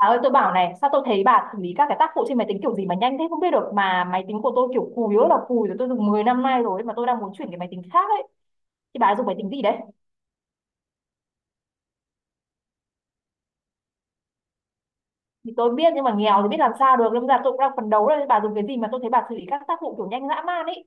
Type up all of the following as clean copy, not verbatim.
Bà ơi, tôi bảo này, sao tôi thấy bà xử lý các cái tác vụ trên máy tính kiểu gì mà nhanh thế không biết được, mà máy tính của tôi kiểu cùi rất là cùi rồi, tôi dùng 10 năm nay rồi mà tôi đang muốn chuyển cái máy tính khác ấy. Thì bà dùng máy tính gì đấy? Thì tôi biết nhưng mà nghèo thì biết làm sao được, lâm ra tôi cũng đang phấn đấu đây. Bà dùng cái gì mà tôi thấy bà xử lý các tác vụ kiểu nhanh dã man ấy?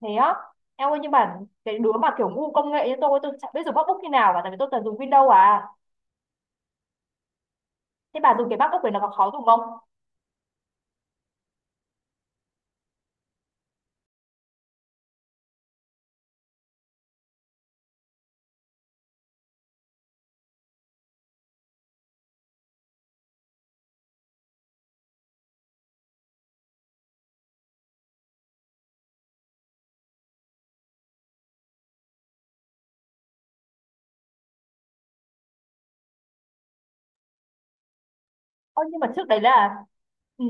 Thế á? Em ơi, nhưng mà cái đứa mà kiểu ngu công nghệ như tôi chẳng biết dùng MacBook như nào cả, tại vì tôi toàn dùng Windows à. Thế bà dùng cái MacBook này nó có khó dùng không? Ơ nhưng mà trước đấy là. Ừ.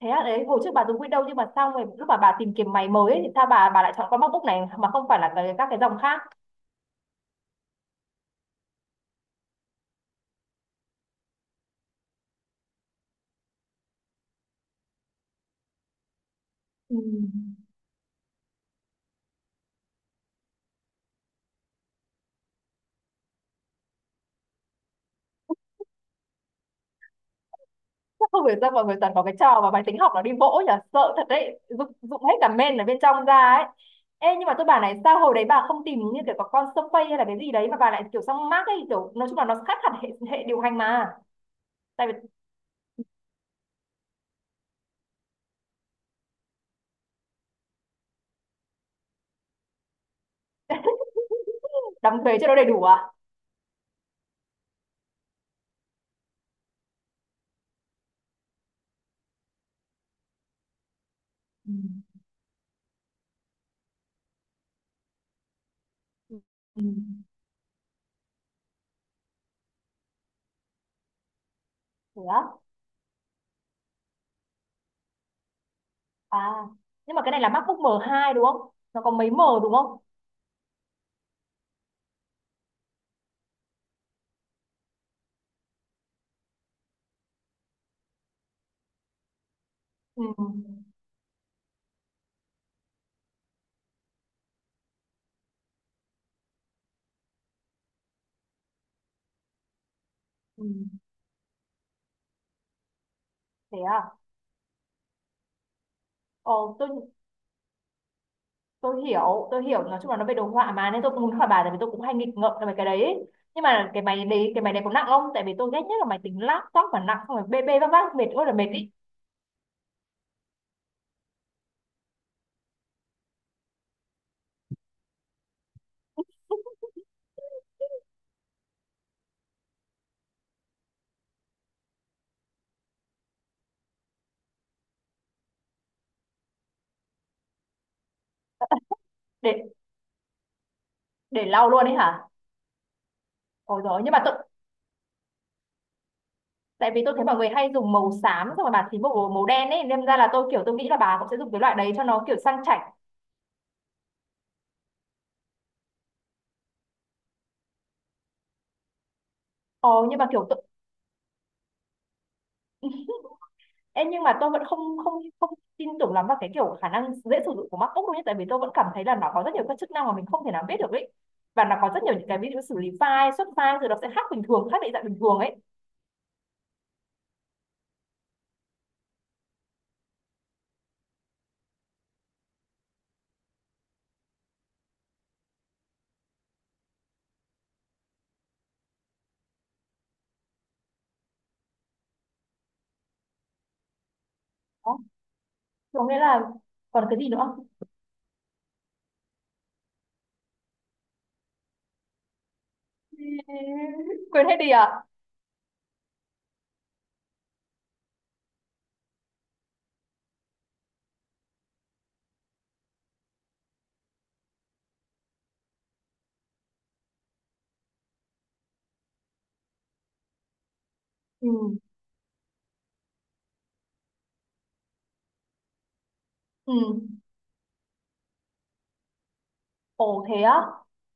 Thế à, đấy hồi trước bà dùng Windows nhưng mà sao mà lúc mà bà tìm kiếm máy mới ấy, thì sao bà lại chọn con MacBook này mà không phải là cái, các cái dòng khác? Ừ. Chắc không hiểu sao mọi người toàn có cái trò mà máy tính học nó đi vỗ nhỉ, sợ thật đấy, dụng hết cả main ở bên trong ra ấy. Ê, nhưng mà tôi bảo này, sao hồi đấy bà không tìm như kiểu có con Surface hay là cái gì đấy mà bà lại kiểu sang Mac ấy, kiểu nói chung là nó khác hẳn hệ điều hành mà. Tại vì đóng thuế cho nó đầy đủ à. Ừ. Ừ. Thế á? À nhưng mà cái này là MacBook M2 đúng không? Nó có mấy M đúng không? Ừ. Ừ, thế à. Ồ, tôi hiểu, tôi hiểu, nói chung là nó về đồ họa mà nên tôi cũng muốn hỏi bà, tại vì tôi cũng hay nghịch ngợm về cái đấy ấy. Nhưng mà cái máy đấy, cái máy này có nặng không? Tại vì tôi ghét nhất là máy tính laptop mà nặng, không phải bê bê vác vác mệt ơi là mệt ý. Để để lau luôn ấy hả? Ôi rồi, nhưng mà tôi, tại vì tôi thấy mọi người hay dùng màu xám, xong rồi bà thì màu màu đen ấy nên ra là tôi kiểu tôi nghĩ là bà cũng sẽ dùng cái loại đấy cho nó kiểu sang chảnh. Ồ nhưng mà kiểu tôi, ừ. Ê, nhưng mà tôi vẫn không không không tin tưởng lắm vào cái kiểu khả năng dễ sử dụng của MacBook đâu nhé, tại vì tôi vẫn cảm thấy là nó có rất nhiều các chức năng mà mình không thể nào biết được ấy, và nó có rất nhiều những cái ví dụ xử lý file, xuất file rồi nó sẽ khác bình thường, khác định dạng bình thường ấy. Đó. Thế có nghĩa là còn cái gì nữa không? Quên hết đi à? Ừ. Ừ. Ồ thế á.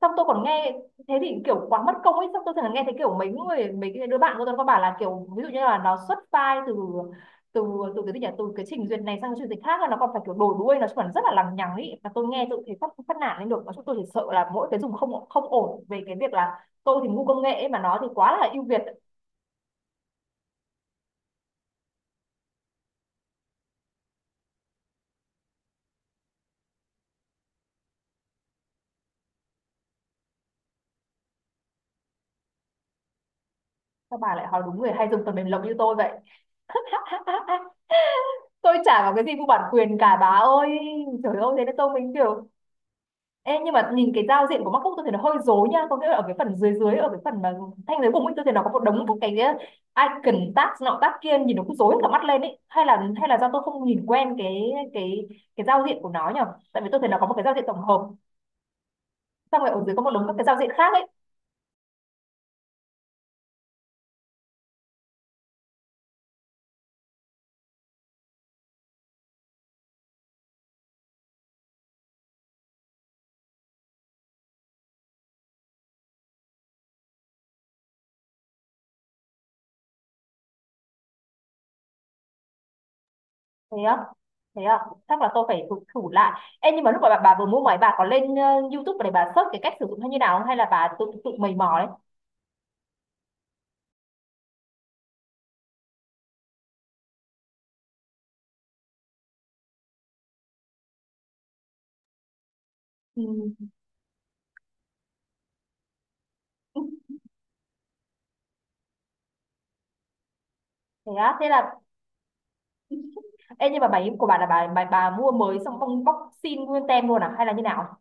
Xong tôi còn nghe. Thế thì kiểu quá mất công ấy. Xong tôi thường nghe thấy kiểu mấy người, mấy cái đứa bạn của tôi có bảo là kiểu, ví dụ như là nó xuất file từ từ từ cái gì nhỉ, từ cái trình duyệt này sang cái trình duyệt khác là nó còn phải kiểu đổi đuôi, nó còn rất là lằng nhằng ấy, và tôi nghe tôi thấy phát phát nản lên được. Nói chung tôi chỉ sợ là mỗi cái dùng không không ổn về cái việc là tôi thì ngu công nghệ ấy, mà nó thì quá là ưu việt. Sao bà lại hỏi đúng người hay dùng phần mềm lộc như tôi vậy? Tôi chả có cái gì mua bản quyền cả bà ơi. Trời ơi thế nên tôi mình kiểu. Ê, nhưng mà nhìn cái giao diện của MacBook tôi thấy nó hơi rối nha, có nghĩa là ở cái phần dưới dưới, ở cái phần mà thanh dưới cùng ấy tôi thấy nó có một đống các cái icon, tab nọ tab kia nhìn nó cũng rối cả mắt lên ấy, hay là do tôi không nhìn quen cái giao diện của nó nhở, tại vì tôi thấy nó có một cái giao diện tổng hợp xong rồi ở dưới có một đống các cái giao diện khác ấy. Thế á, thế à, chắc là tôi phải thử lại. Ê, nhưng mà lúc mà bà vừa mua máy, bà có lên YouTube để bà search cái cách sử dụng hay như nào không, hay là bà tự tự mày mò đấy? Ừ. Thế á, thế là. Ê, nhưng mà bài của bà là bà mua mới xong bong bóc xin nguyên tem luôn à hay là như nào?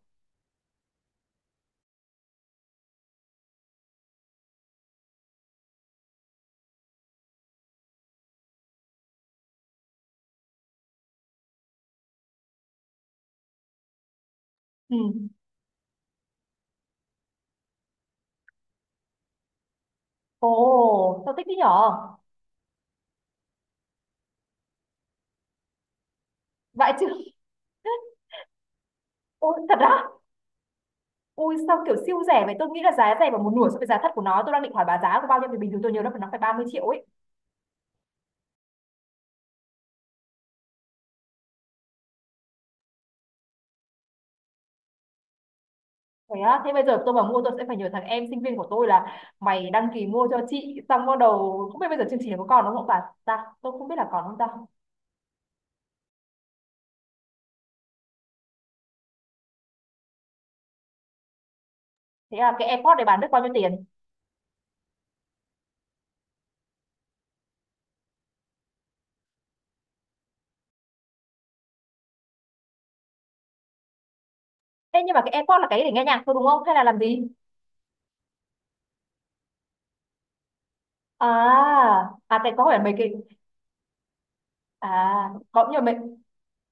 Ừ. Ồ, sao thích thế nhở? Vậy chứ. Ôi thật á. Ui sao kiểu siêu rẻ vậy? Tôi nghĩ là giá rẻ bằng một nửa so với giá thật của nó. Tôi đang định hỏi bà giá của bao nhiêu vì bình thường tôi nhớ là nó phải 30 triệu ấy. Thế á, thế bây giờ tôi mà mua tôi sẽ phải nhờ thằng em sinh viên của tôi là mày đăng ký mua cho chị, xong bắt đầu không biết bây giờ chương trình này có còn đúng không bà? Ta, tôi không biết là còn không ta. Thế là cái AirPod này bán được bao nhiêu tiền? Ê, nhưng mà cái AirPod là cái để nghe nhạc thôi đúng không? Hay là làm gì? À. À cái có phải mấy cái. À, có nhiều mệnh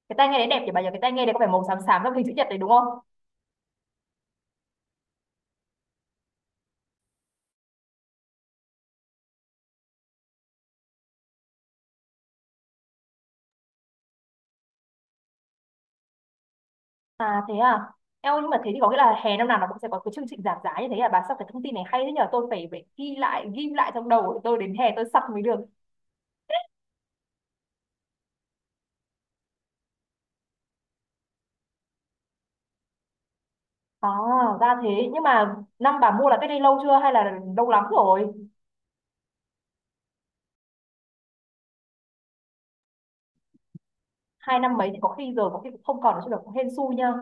cái tai nghe đấy đẹp nhỉ bà nhỉ? Cái tai nghe đấy có phải màu xám xám trong hình chữ nhật đấy đúng không? À thế à. Eo nhưng mà thế thì có nghĩa là hè năm nào nó cũng sẽ có cái chương trình giảm giá như thế à? Bà sao cái thông tin này hay thế nhờ, tôi phải phải ghi lại trong đầu để tôi đến hè tôi sắp mới được. À ra thế, nhưng mà năm bà mua là cách đây lâu chưa hay là lâu lắm rồi? 2 năm mấy thì có khi rồi có khi cũng không còn nữa chứ được, cũng hên xui nha.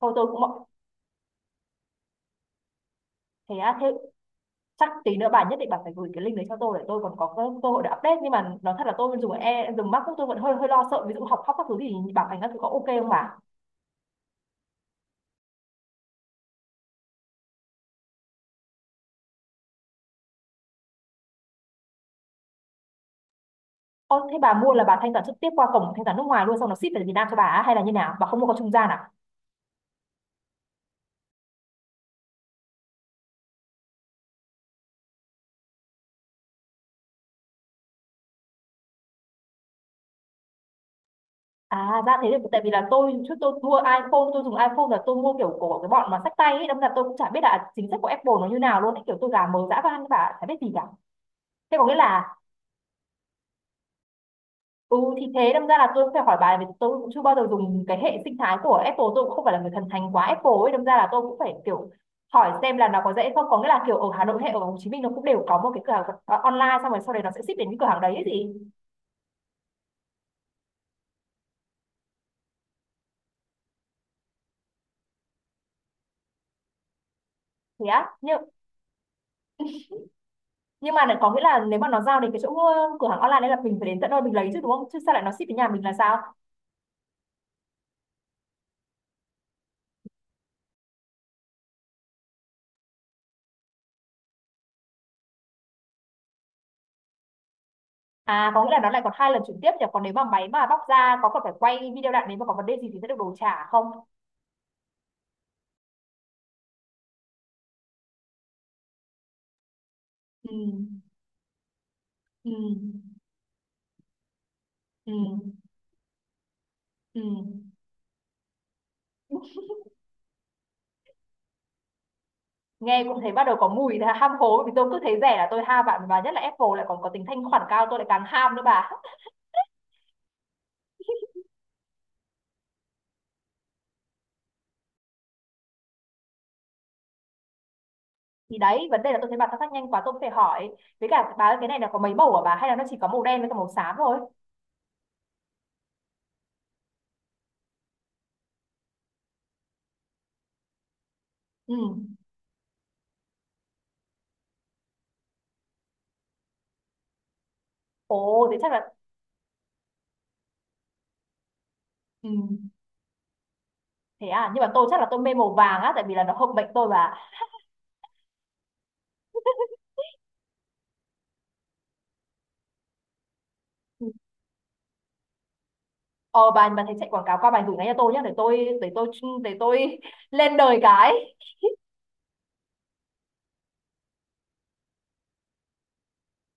Thôi tôi cũng mọi thế à, thế chắc tí nữa bà nhất định bà phải gửi cái link đấy cho tôi để tôi còn có cơ, hội để update, nhưng mà nói thật là tôi dùng MacBook tôi vẫn hơi hơi lo sợ, ví dụ học khóc các thứ thì bảo hành các thứ có ok không bà? Ô, thế bà mua là bà thanh toán trực tiếp qua cổng thanh toán nước ngoài luôn xong nó ship về Việt Nam cho bà á, hay là như nào? Bà không mua qua trung gian à? À ra thế, thì tại vì là tôi trước tôi mua iPhone, tôi dùng iPhone là tôi mua kiểu của cái bọn mà xách tay ấy, đâm ra tôi cũng chả biết là chính sách của Apple nó như nào luôn ấy. Kiểu tôi gà mờ dã van bà, chả biết gì cả. Thế có nghĩa là. Ừ thì thế, đâm ra là tôi cũng phải hỏi bà, vì tôi cũng chưa bao giờ dùng cái hệ sinh thái của Apple, tôi cũng không phải là người thần thánh quá Apple ấy, đâm ra là tôi cũng phải kiểu hỏi xem là nó có dễ không, có nghĩa là kiểu ở Hà Nội hay ở Hồ Chí Minh nó cũng đều có một cái cửa hàng online xong rồi sau đấy nó sẽ ship đến cái cửa hàng đấy ấy gì. Thế á, nhưng mà lại có nghĩa là nếu mà nó giao đến cái chỗ cửa hàng online đấy là mình phải đến tận nơi mình lấy chứ đúng không, chứ sao lại nó ship đến nhà mình là sao? À có nghĩa là nó lại còn 2 lần chuyển tiếp nhỉ, còn nếu mà máy mà bóc ra có còn phải quay video lại nếu mà có vấn đề gì thì sẽ được đổi trả không? Ừ. Ừ. Ừ. Ừ. Ừ. Nghe cũng thấy bắt đầu có mùi là ham hố, vì tôi cứ thấy rẻ là tôi ham bạn, và nhất là Apple lại còn có tính thanh khoản cao tôi lại càng ham nữa bà. Thì đấy vấn đề là tôi thấy bà thao tác nhanh quá tôi cũng phải hỏi. Với cả bà ơi, cái này là có mấy màu hả bà, hay là nó chỉ có màu đen với cả màu xám thôi? Ừ. Ồ thế chắc là. Ừ thế à, nhưng mà tôi chắc là tôi mê màu vàng á, tại vì là nó hợp mệnh tôi bà. Ờ bà thấy chạy quảng cáo qua bài gửi ngay cho tôi nhá để tôi để tôi lên đời cái.